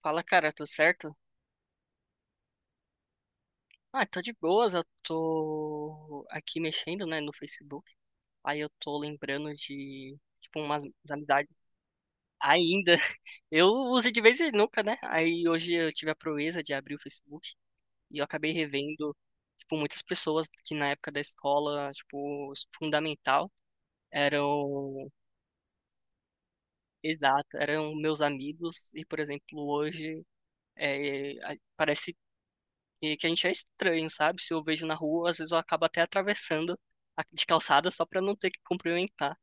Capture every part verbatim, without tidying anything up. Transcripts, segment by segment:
Fala, cara, tudo certo? Ah, tô de boas, eu tô aqui mexendo, né, no Facebook. Aí eu tô lembrando de, tipo, umas amizades ainda. Eu uso de vez em nunca, né? Aí hoje eu tive a proeza de abrir o Facebook e eu acabei revendo, tipo, muitas pessoas que na época da escola, tipo, fundamental, eram, exato, eram meus amigos. E, por exemplo, hoje é, a- parece e que a gente é estranho, sabe? Se eu vejo na rua, às vezes eu acabo até atravessando a- de calçada só pra não ter que cumprimentar.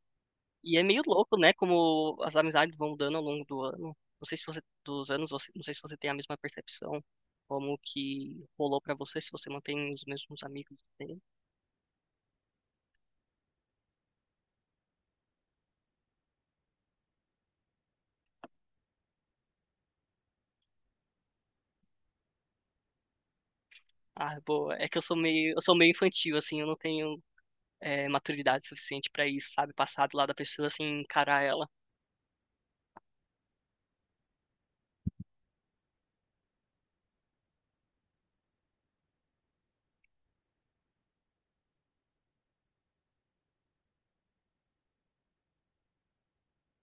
E é meio louco, né? Como as amizades vão mudando ao longo do ano. Não sei se você, dos anos, você- não sei se você tem a mesma percepção, como que rolou pra você, se você mantém os mesmos amigos, né? Ah, boa. É que eu sou meio, eu sou meio infantil, assim, eu não tenho, é, maturidade suficiente pra isso, sabe? Passar do lado da pessoa, assim, encarar ela.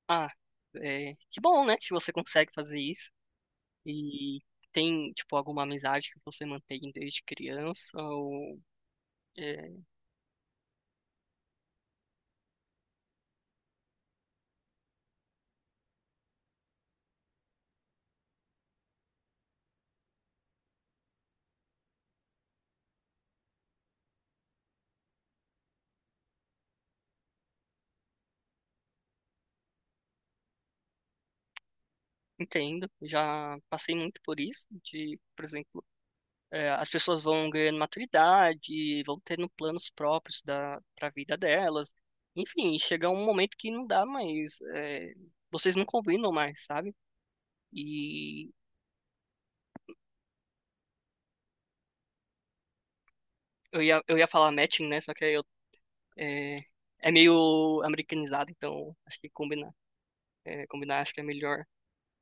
Ah, é, que bom, né? Que você consegue fazer isso. E tem, tipo, alguma amizade que você mantém desde criança ou é, entendo, já passei muito por isso, de, por exemplo, é, as pessoas vão ganhando maturidade, vão tendo planos próprios da para a vida delas. Enfim, chega um momento que não dá mais, é, vocês não combinam mais, sabe? E eu ia, eu ia falar matching, né? Só que aí eu, é, é meio americanizado, então acho que combinar, é, combinar acho que é melhor.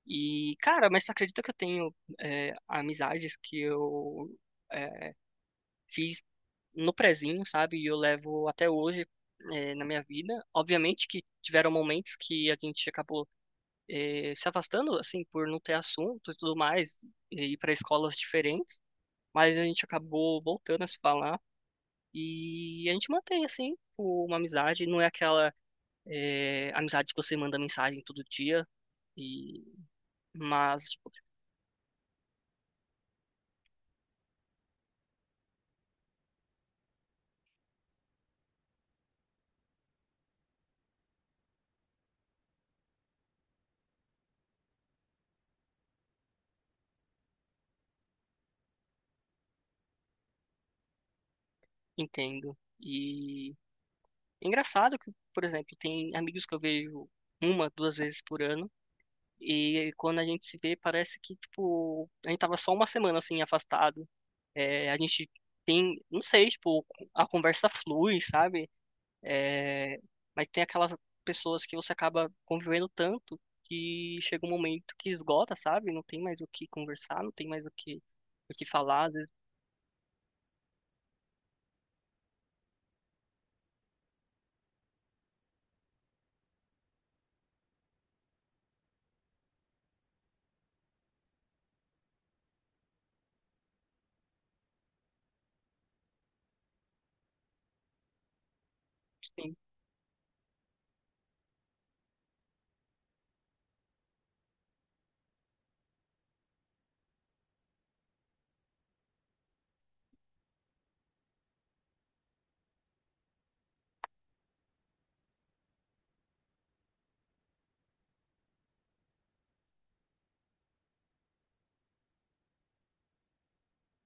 E, cara, mas você acredita que eu tenho, é, amizades que eu é, fiz no prezinho, sabe? E eu levo até hoje, é, na minha vida. Obviamente que tiveram momentos que a gente acabou, é, se afastando, assim, por não ter assunto e tudo mais, e ir para escolas diferentes. Mas a gente acabou voltando a se falar e a gente mantém, assim, uma amizade. Não é aquela, é, amizade que você manda mensagem todo dia, e... mas, tipo, entendo. E engraçado que, por exemplo, tem amigos que eu vejo uma, duas vezes por ano, e quando a gente se vê, parece que, tipo, a gente tava só uma semana, assim, afastado. É, a gente tem, não sei, tipo, a conversa flui, sabe? É, mas tem aquelas pessoas que você acaba convivendo tanto que chega um momento que esgota, sabe? Não tem mais o que conversar, não tem mais o que, o que falar. Às vezes, assim,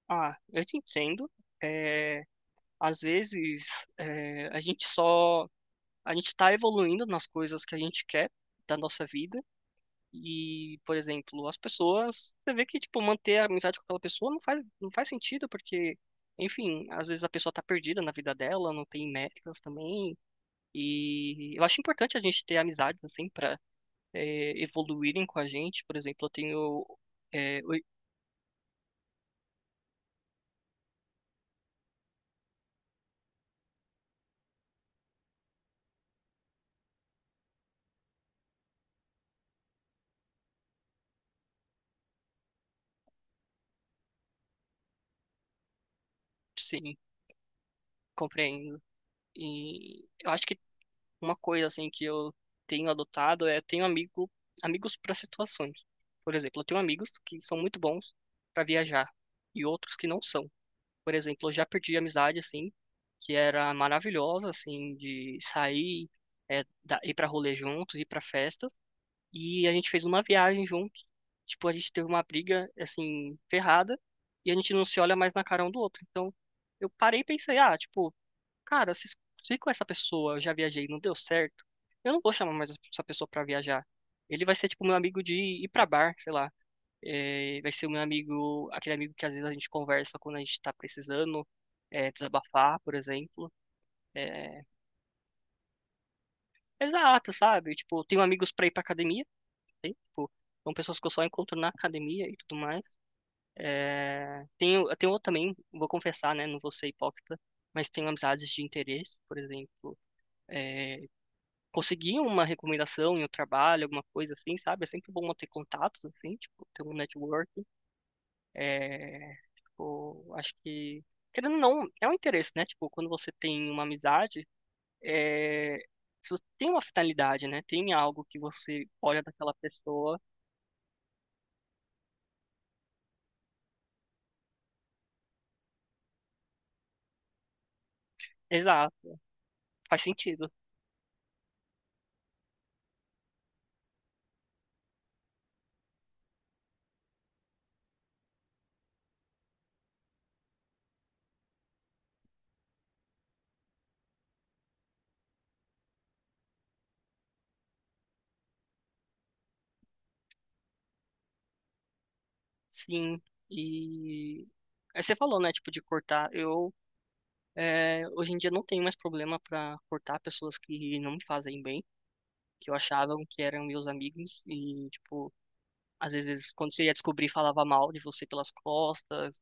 ah, eu te entendo. É, às vezes, é, a gente só a gente está evoluindo nas coisas que a gente quer da nossa vida. E, por exemplo, as pessoas, você vê que, tipo, manter a amizade com aquela pessoa não faz, não faz sentido, porque, enfim, às vezes a pessoa tá perdida na vida dela, não tem metas também. E eu acho importante a gente ter amizades, assim, pra eh, evoluírem com a gente. Por exemplo, eu tenho. Eh, oi- sim, compreendo. E eu acho que uma coisa assim que eu tenho adotado é tenho amigo, amigos para situações. Por exemplo, eu tenho amigos que são muito bons para viajar e outros que não são. Por exemplo, eu já perdi amizade assim, que era maravilhosa assim de sair, é, da- ir para rolê juntos, ir para festas e a gente fez uma viagem juntos. Tipo, a gente teve uma briga assim ferrada e a gente não se olha mais na cara um do outro. Então, eu parei e pensei, ah, tipo, cara, se, se com essa pessoa eu já viajei e não deu certo, eu não vou chamar mais essa pessoa pra viajar. Ele vai ser tipo meu amigo de ir pra bar, sei lá. É, vai ser o meu amigo, aquele amigo que às vezes a gente conversa quando a gente tá precisando, é, desabafar, por exemplo. É, exato, sabe? Tipo, eu tenho amigos pra ir pra academia, tem, tipo, são pessoas que eu só encontro na academia e tudo mais. É, tenho, eu tenho também, vou confessar, né? Não vou ser hipócrita, mas tenho amizades de interesse, por exemplo. É, conseguir uma recomendação em um trabalho, alguma coisa assim, sabe? É sempre bom ter contatos, assim, tipo, ter um networking. É, tipo, acho que, querendo ou não, é um interesse, né? Tipo, quando você tem uma amizade, é, se você tem uma finalidade, né? Tem algo que você olha daquela pessoa. Exato, faz sentido. Sim. E aí você falou, né? Tipo, de cortar. Eu, é, hoje em dia, não tenho mais problema para cortar pessoas que não me fazem bem. Que eu achavam que eram meus amigos e, tipo, às vezes eles, quando você ia descobrir, falava mal de você pelas costas.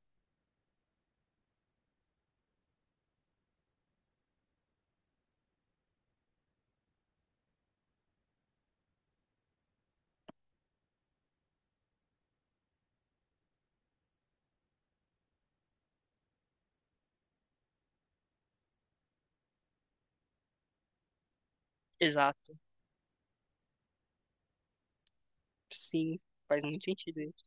Exato. Sim, faz muito sentido isso.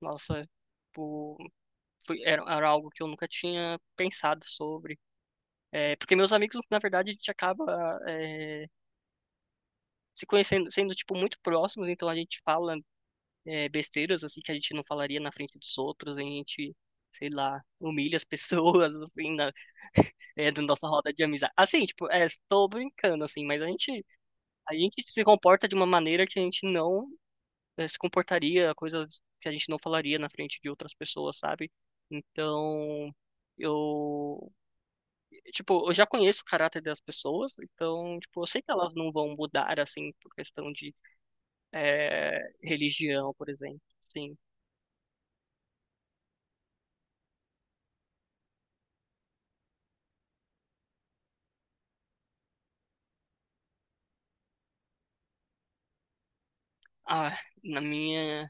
Nossa, tipo, foi, era, era algo que eu nunca tinha pensado sobre. É, porque meus amigos, na verdade, a gente acaba, é, se conhecendo, sendo, tipo, muito próximos, então a gente fala, é, besteiras assim que a gente não falaria na frente dos outros, a gente, sei lá, humilha as pessoas assim na, é, da nossa roda de amizade. Assim, tipo, é, estou brincando assim, mas a gente a gente se comporta de uma maneira que a gente não é, se comportaria, coisas que a gente não falaria na frente de outras pessoas, sabe? Então, eu, tipo, eu já conheço o caráter das pessoas, então, tipo, eu sei que elas não vão mudar assim por questão de, é, religião, por exemplo. Sim. Ah, na minha,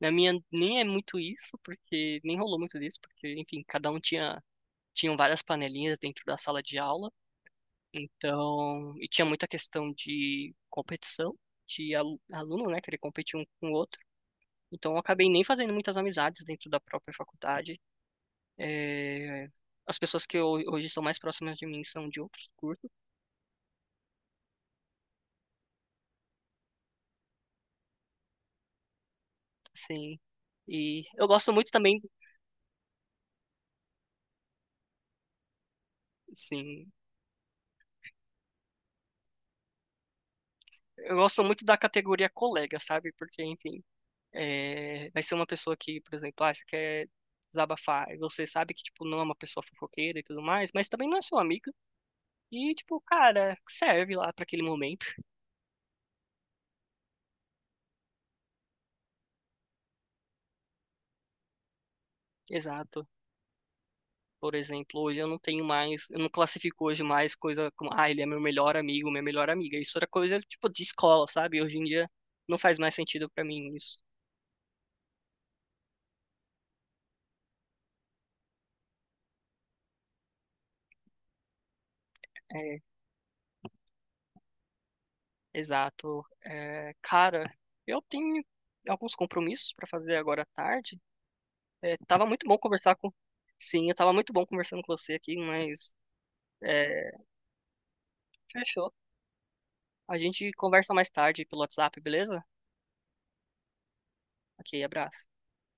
na minha nem é muito isso, porque nem rolou muito disso, porque enfim, cada um tinha tinham várias panelinhas dentro da sala de aula, então, e tinha muita questão de competição, de alu- aluno, né, querer competir um com o outro. Então, eu acabei nem fazendo muitas amizades dentro da própria faculdade. É, as pessoas que ho- hoje são mais próximas de mim são de outros cursos, assim. E eu gosto muito também, sim, eu gosto muito da categoria colega, sabe? Porque, enfim, é, vai ser uma pessoa que, por exemplo, ah, você quer desabafar, e você sabe que, tipo, não é uma pessoa fofoqueira e tudo mais, mas também não é seu amigo, e, tipo, cara, serve lá para aquele momento. Exato. Por exemplo, hoje eu não tenho mais, eu não classifico hoje mais coisa como, ah, ele é meu melhor amigo, minha melhor amiga. Isso era coisa, tipo, de escola, sabe? Hoje em dia não faz mais sentido para mim isso. É, exato. É, cara, eu tenho alguns compromissos para fazer agora à tarde. É, tava muito bom conversar com. Sim, eu tava muito bom conversando com você aqui, mas. É, fechou. A gente conversa mais tarde pelo WhatsApp, beleza? Ok, abraço.